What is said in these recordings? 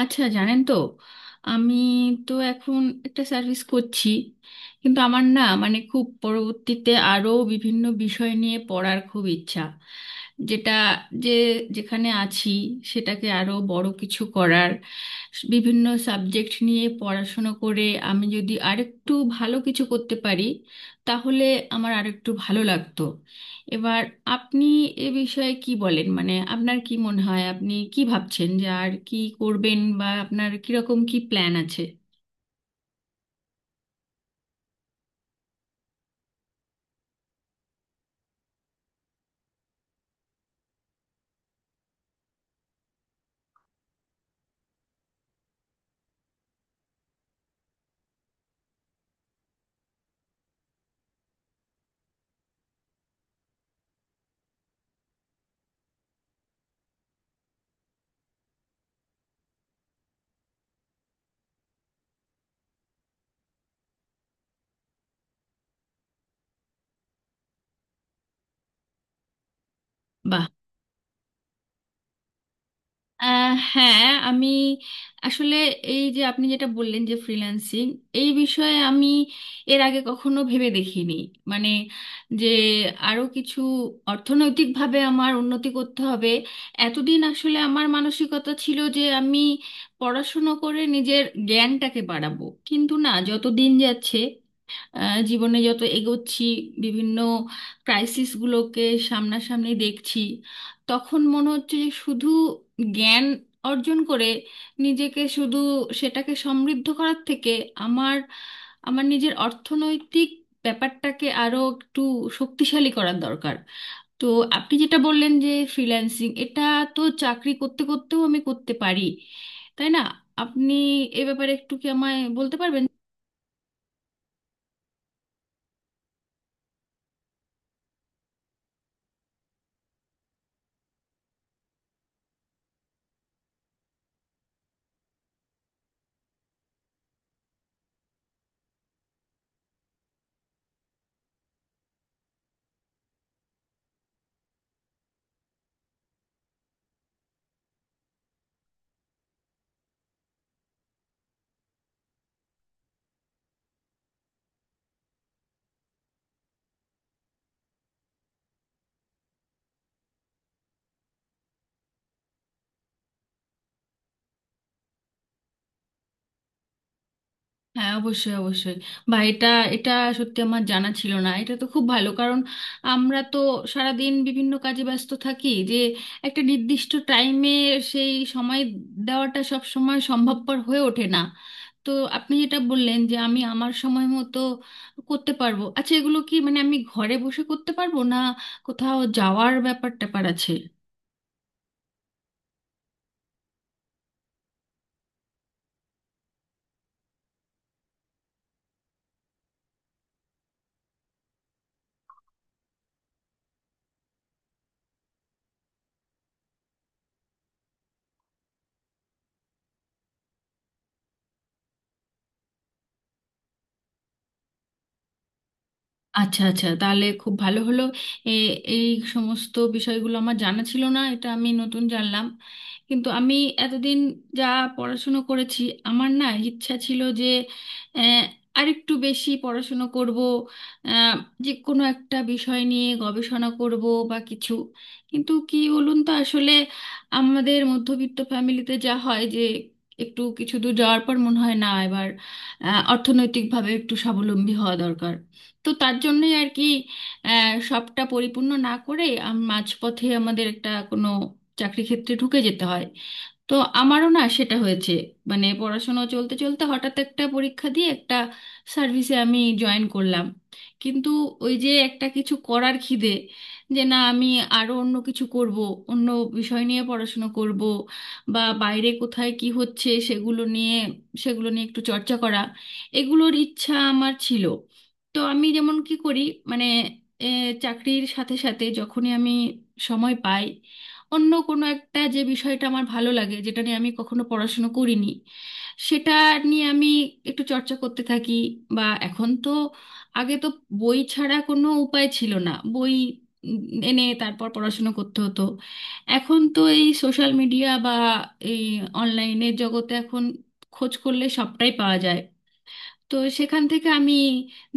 আচ্ছা, জানেন তো আমি তো এখন একটা সার্ভিস করছি, কিন্তু আমার না মানে খুব পরবর্তীতে আরও বিভিন্ন বিষয় নিয়ে পড়ার খুব ইচ্ছা। যেটা যে যেখানে আছি সেটাকে আরও বড় কিছু করার, বিভিন্ন সাবজেক্ট নিয়ে পড়াশুনো করে আমি যদি আরেকটু ভালো কিছু করতে পারি, তাহলে আমার আরেকটু ভালো লাগতো। এবার আপনি এ বিষয়ে কি বলেন, মানে আপনার কি মনে হয়, আপনি কি ভাবছেন যে আর কি করবেন বা আপনার কিরকম কি প্ল্যান আছে? বাহ। হ্যাঁ, আমি আসলে এই যে আপনি যেটা বললেন যে ফ্রিল্যান্সিং, এই বিষয়ে আমি এর আগে কখনো ভেবে দেখিনি। মানে যে আরো কিছু অর্থনৈতিকভাবে আমার উন্নতি করতে হবে। এতদিন আসলে আমার মানসিকতা ছিল যে আমি পড়াশুনো করে নিজের জ্ঞানটাকে বাড়াবো, কিন্তু না, যত দিন যাচ্ছে, জীবনে যত এগোচ্ছি, বিভিন্ন ক্রাইসিসগুলোকে সামনাসামনি দেখছি, তখন মনে হচ্ছে যে শুধু জ্ঞান অর্জন করে নিজেকে শুধু সেটাকে সমৃদ্ধ করার থেকে আমার আমার নিজের অর্থনৈতিক ব্যাপারটাকে আরো একটু শক্তিশালী করার দরকার। তো আপনি যেটা বললেন যে ফ্রিল্যান্সিং, এটা তো চাকরি করতে করতেও আমি করতে পারি, তাই না? আপনি এ ব্যাপারে একটু কি আমায় বলতে পারবেন? হ্যাঁ, অবশ্যই অবশ্যই। বা এটা এটা সত্যি আমার জানা ছিল না। এটা তো খুব ভালো, কারণ আমরা তো সারাদিন বিভিন্ন কাজে ব্যস্ত থাকি যে একটা নির্দিষ্ট টাইমে সেই সময় দেওয়াটা সব সময় সম্ভবপর হয়ে ওঠে না। তো আপনি যেটা বললেন যে আমি আমার সময় মতো করতে পারবো। আচ্ছা, এগুলো কি মানে আমি ঘরে বসে করতে পারবো, না কোথাও যাওয়ার ব্যাপার ট্যাপার আছে? আচ্ছা আচ্ছা, তাহলে খুব ভালো হলো। এ- এই সমস্ত বিষয়গুলো আমার জানা ছিল না, এটা আমি নতুন জানলাম। কিন্তু আমি এতদিন যা পড়াশুনো করেছি, আমার না ইচ্ছা ছিল যে আহ, আরেকটু বেশি পড়াশুনো করব, আহ, যে কোনো একটা বিষয় নিয়ে গবেষণা করব বা কিছু। কিন্তু কি বলুন তো, আসলে আমাদের মধ্যবিত্ত ফ্যামিলিতে যা হয় যে একটু কিছু দূর যাওয়ার পর মনে হয় না এবার অর্থনৈতিকভাবে একটু স্বাবলম্বী হওয়া দরকার। তো তার জন্যই আর কি সবটা পরিপূর্ণ না করে মাঝপথে আমাদের একটা কোনো চাকরি ক্ষেত্রে ঢুকে যেতে হয়। তো আমারও না সেটা হয়েছে। মানে পড়াশোনা চলতে চলতে হঠাৎ একটা পরীক্ষা দিয়ে একটা সার্ভিসে আমি জয়েন করলাম। কিন্তু ওই যে একটা কিছু করার খিদে, যে না আমি আরো অন্য কিছু করব, অন্য বিষয় নিয়ে পড়াশুনো করব, বা বাইরে কোথায় কি হচ্ছে সেগুলো নিয়ে সেগুলো নিয়ে একটু চর্চা করা, এগুলোর ইচ্ছা আমার ছিল। তো আমি যেমন কি করি, মানে এ, চাকরির সাথে সাথে যখনই আমি সময় পাই, অন্য কোনো একটা যে বিষয়টা আমার ভালো লাগে, যেটা নিয়ে আমি কখনো পড়াশুনো করিনি, সেটা নিয়ে আমি একটু চর্চা করতে থাকি। বা এখন তো আগে তো বই ছাড়া কোনো উপায় ছিল না, বই উম, এনে তারপর পড়াশুনো করতে হতো। এখন তো এই সোশ্যাল মিডিয়া বা এই অনলাইনের জগতে এখন খোঁজ করলে সবটাই পাওয়া যায়। তো সেখান থেকে আমি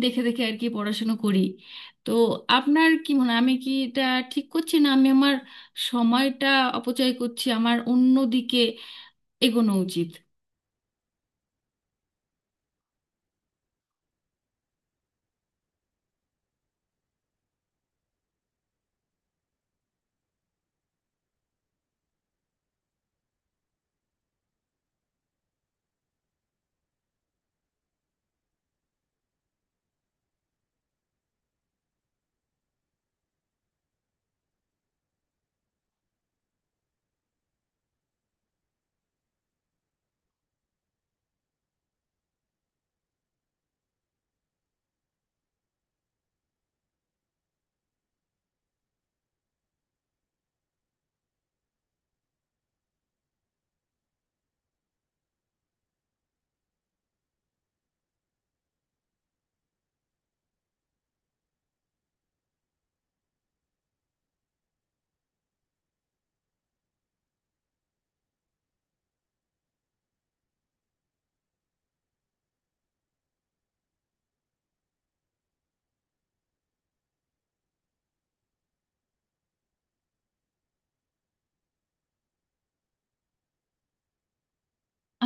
দেখে দেখে আর কি পড়াশুনো করি। তো আপনার কি মনে হয়, আমি কি এটা ঠিক করছি, না আমি আমার সময়টা অপচয় করছি, আমার অন্য দিকে এগোনো উচিত?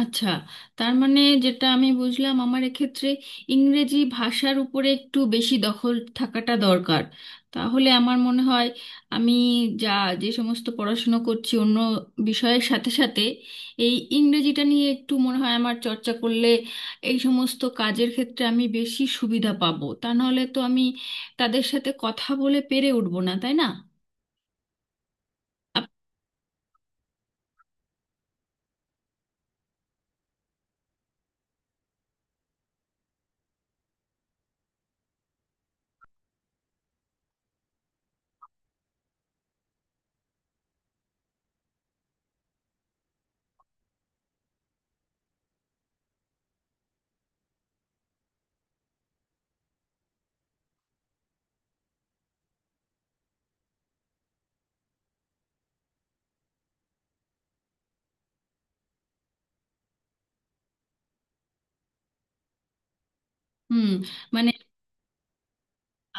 আচ্ছা, তার মানে যেটা আমি বুঝলাম, আমার এক্ষেত্রে ইংরেজি ভাষার উপরে একটু বেশি দখল থাকাটা দরকার। তাহলে আমার মনে হয় আমি যা যে সমস্ত পড়াশুনো করছি অন্য বিষয়ের সাথে সাথে এই ইংরেজিটা নিয়ে একটু মনে হয় আমার চর্চা করলে এই সমস্ত কাজের ক্ষেত্রে আমি বেশি সুবিধা পাবো, তা নাহলে তো আমি তাদের সাথে কথা বলে পেরে উঠবো না, তাই না? হুম। মানে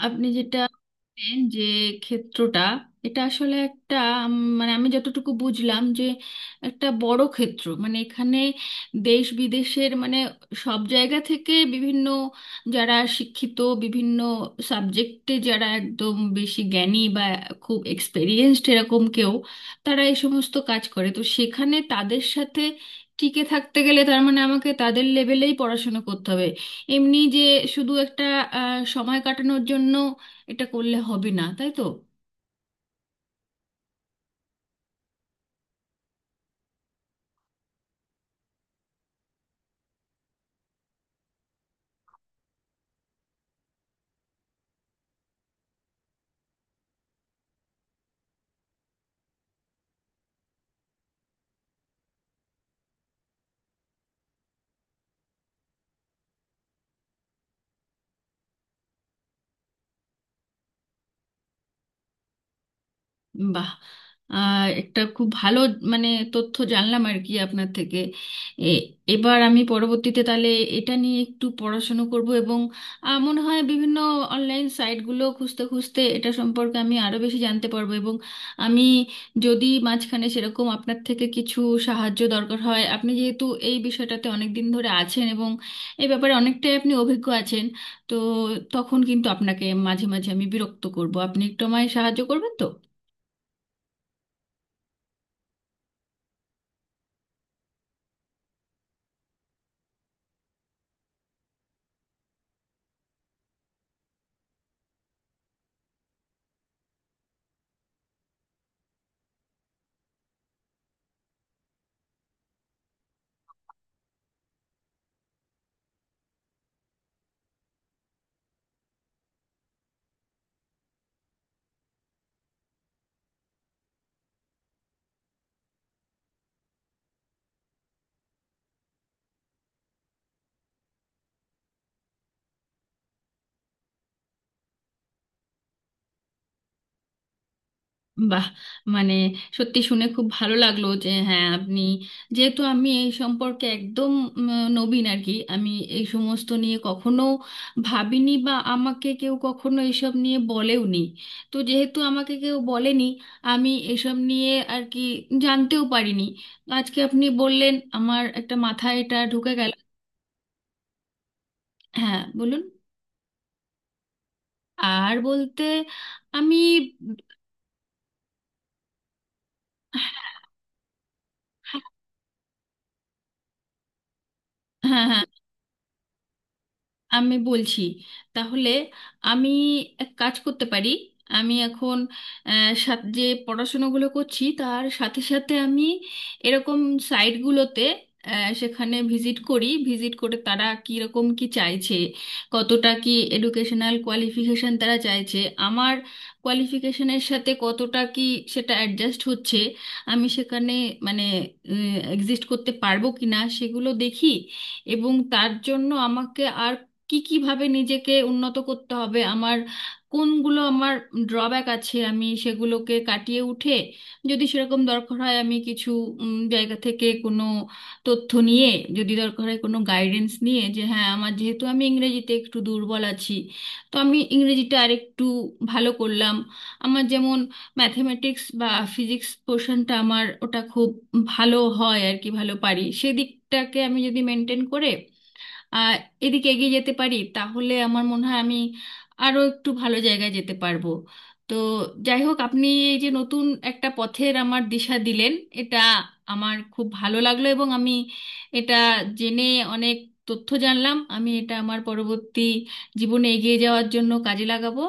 আপনি যেটা বললেন যে ক্ষেত্রটা এটা আসলে একটা মানে আমি যতটুকু বুঝলাম যে একটা বড় ক্ষেত্র, মানে এখানে দেশ বিদেশের মানে সব জায়গা থেকে বিভিন্ন যারা শিক্ষিত, বিভিন্ন সাবজেক্টে যারা একদম বেশি জ্ঞানী বা খুব এক্সপেরিয়েন্সড এরকম কেউ, তারা এই সমস্ত কাজ করে। তো সেখানে তাদের সাথে টিকে থাকতে গেলে তার মানে আমাকে তাদের লেভেলেই পড়াশোনা করতে হবে। এমনি যে শুধু একটা সময় কাটানোর জন্য এটা করলে হবে না, তাই তো? বাহ, আর একটা খুব ভালো মানে তথ্য জানলাম আর কি আপনার থেকে। এ- এবার আমি পরবর্তীতে তাহলে এটা নিয়ে একটু পড়াশুনো করব এবং মনে হয় বিভিন্ন অনলাইন সাইটগুলো খুঁজতে খুঁজতে এটা সম্পর্কে আমি আরও বেশি জানতে পারবো। এবং আমি যদি মাঝখানে সেরকম আপনার থেকে কিছু সাহায্য দরকার হয়, আপনি যেহেতু এই বিষয়টাতে অনেক দিন ধরে আছেন এবং এই ব্যাপারে অনেকটাই আপনি অভিজ্ঞ আছেন, তো তখন কিন্তু আপনাকে মাঝে মাঝে আমি বিরক্ত করব, আপনি একটু আমায় সাহায্য করবেন তো। বাহ, মানে সত্যি শুনে খুব ভালো লাগলো যে হ্যাঁ আপনি, যেহেতু আমি এই সম্পর্কে একদম উম, নবীন আর কি, আমি এই সমস্ত নিয়ে কখনো ভাবিনি বা আমাকে কেউ কখনো এসব নিয়ে বলেওনি। তো যেহেতু আমাকে কেউ বলেনি, আমি এসব নিয়ে আর কি জানতেও পারিনি। আজকে আপনি বললেন, আমার একটা মাথায় এটা ঢুকে গেল। হ্যাঁ, বলুন। আর বলতে আমি, হ্যাঁ হ্যাঁ হ্যাঁ। আমি বলছি তাহলে, আমি এক কাজ করতে পারি। আমি এখন যে পড়াশোনাগুলো করছি তার সাথে সাথে আমি এরকম সাইটগুলোতে, সেখানে ভিজিট করি, ভিজিট করে তারা কীরকম কি চাইছে, কতটা কি এডুকেশনাল কোয়ালিফিকেশন তারা চাইছে, আমার কোয়ালিফিকেশনের সাথে কতটা কি সেটা অ্যাডজাস্ট হচ্ছে, আমি সেখানে মানে এক্সিস্ট করতে পারবো কিনা সেগুলো দেখি। এবং তার জন্য আমাকে আর কি কিভাবে নিজেকে উন্নত করতে হবে, আমার কোনগুলো আমার ড্রব্যাক আছে, আমি সেগুলোকে কাটিয়ে উঠে, যদি সেরকম দরকার হয় আমি কিছু জায়গা থেকে কোনো তথ্য নিয়ে, যদি দরকার হয় কোনো গাইডেন্স নিয়ে, যে হ্যাঁ, আমার যেহেতু আমি ইংরেজিতে একটু দুর্বল আছি, তো আমি ইংরেজিটা আরেকটু ভালো করলাম, আমার যেমন ম্যাথমেটিক্স বা ফিজিক্স পোর্শনটা আমার ওটা খুব ভালো হয় আর কি, ভালো পারি, সেদিকটাকে আমি যদি মেনটেন করে আহ এদিকে এগিয়ে যেতে পারি, তাহলে আমার মনে হয় আমি আরো একটু ভালো জায়গায় যেতে পারবো। তো যাই হোক, আপনি এই যে নতুন একটা পথের আমার দিশা দিলেন, এটা আমার খুব ভালো লাগলো, এবং আমি এটা জেনে অনেক তথ্য জানলাম। আমি এটা আমার পরবর্তী জীবনে এগিয়ে যাওয়ার জন্য কাজে লাগাবো।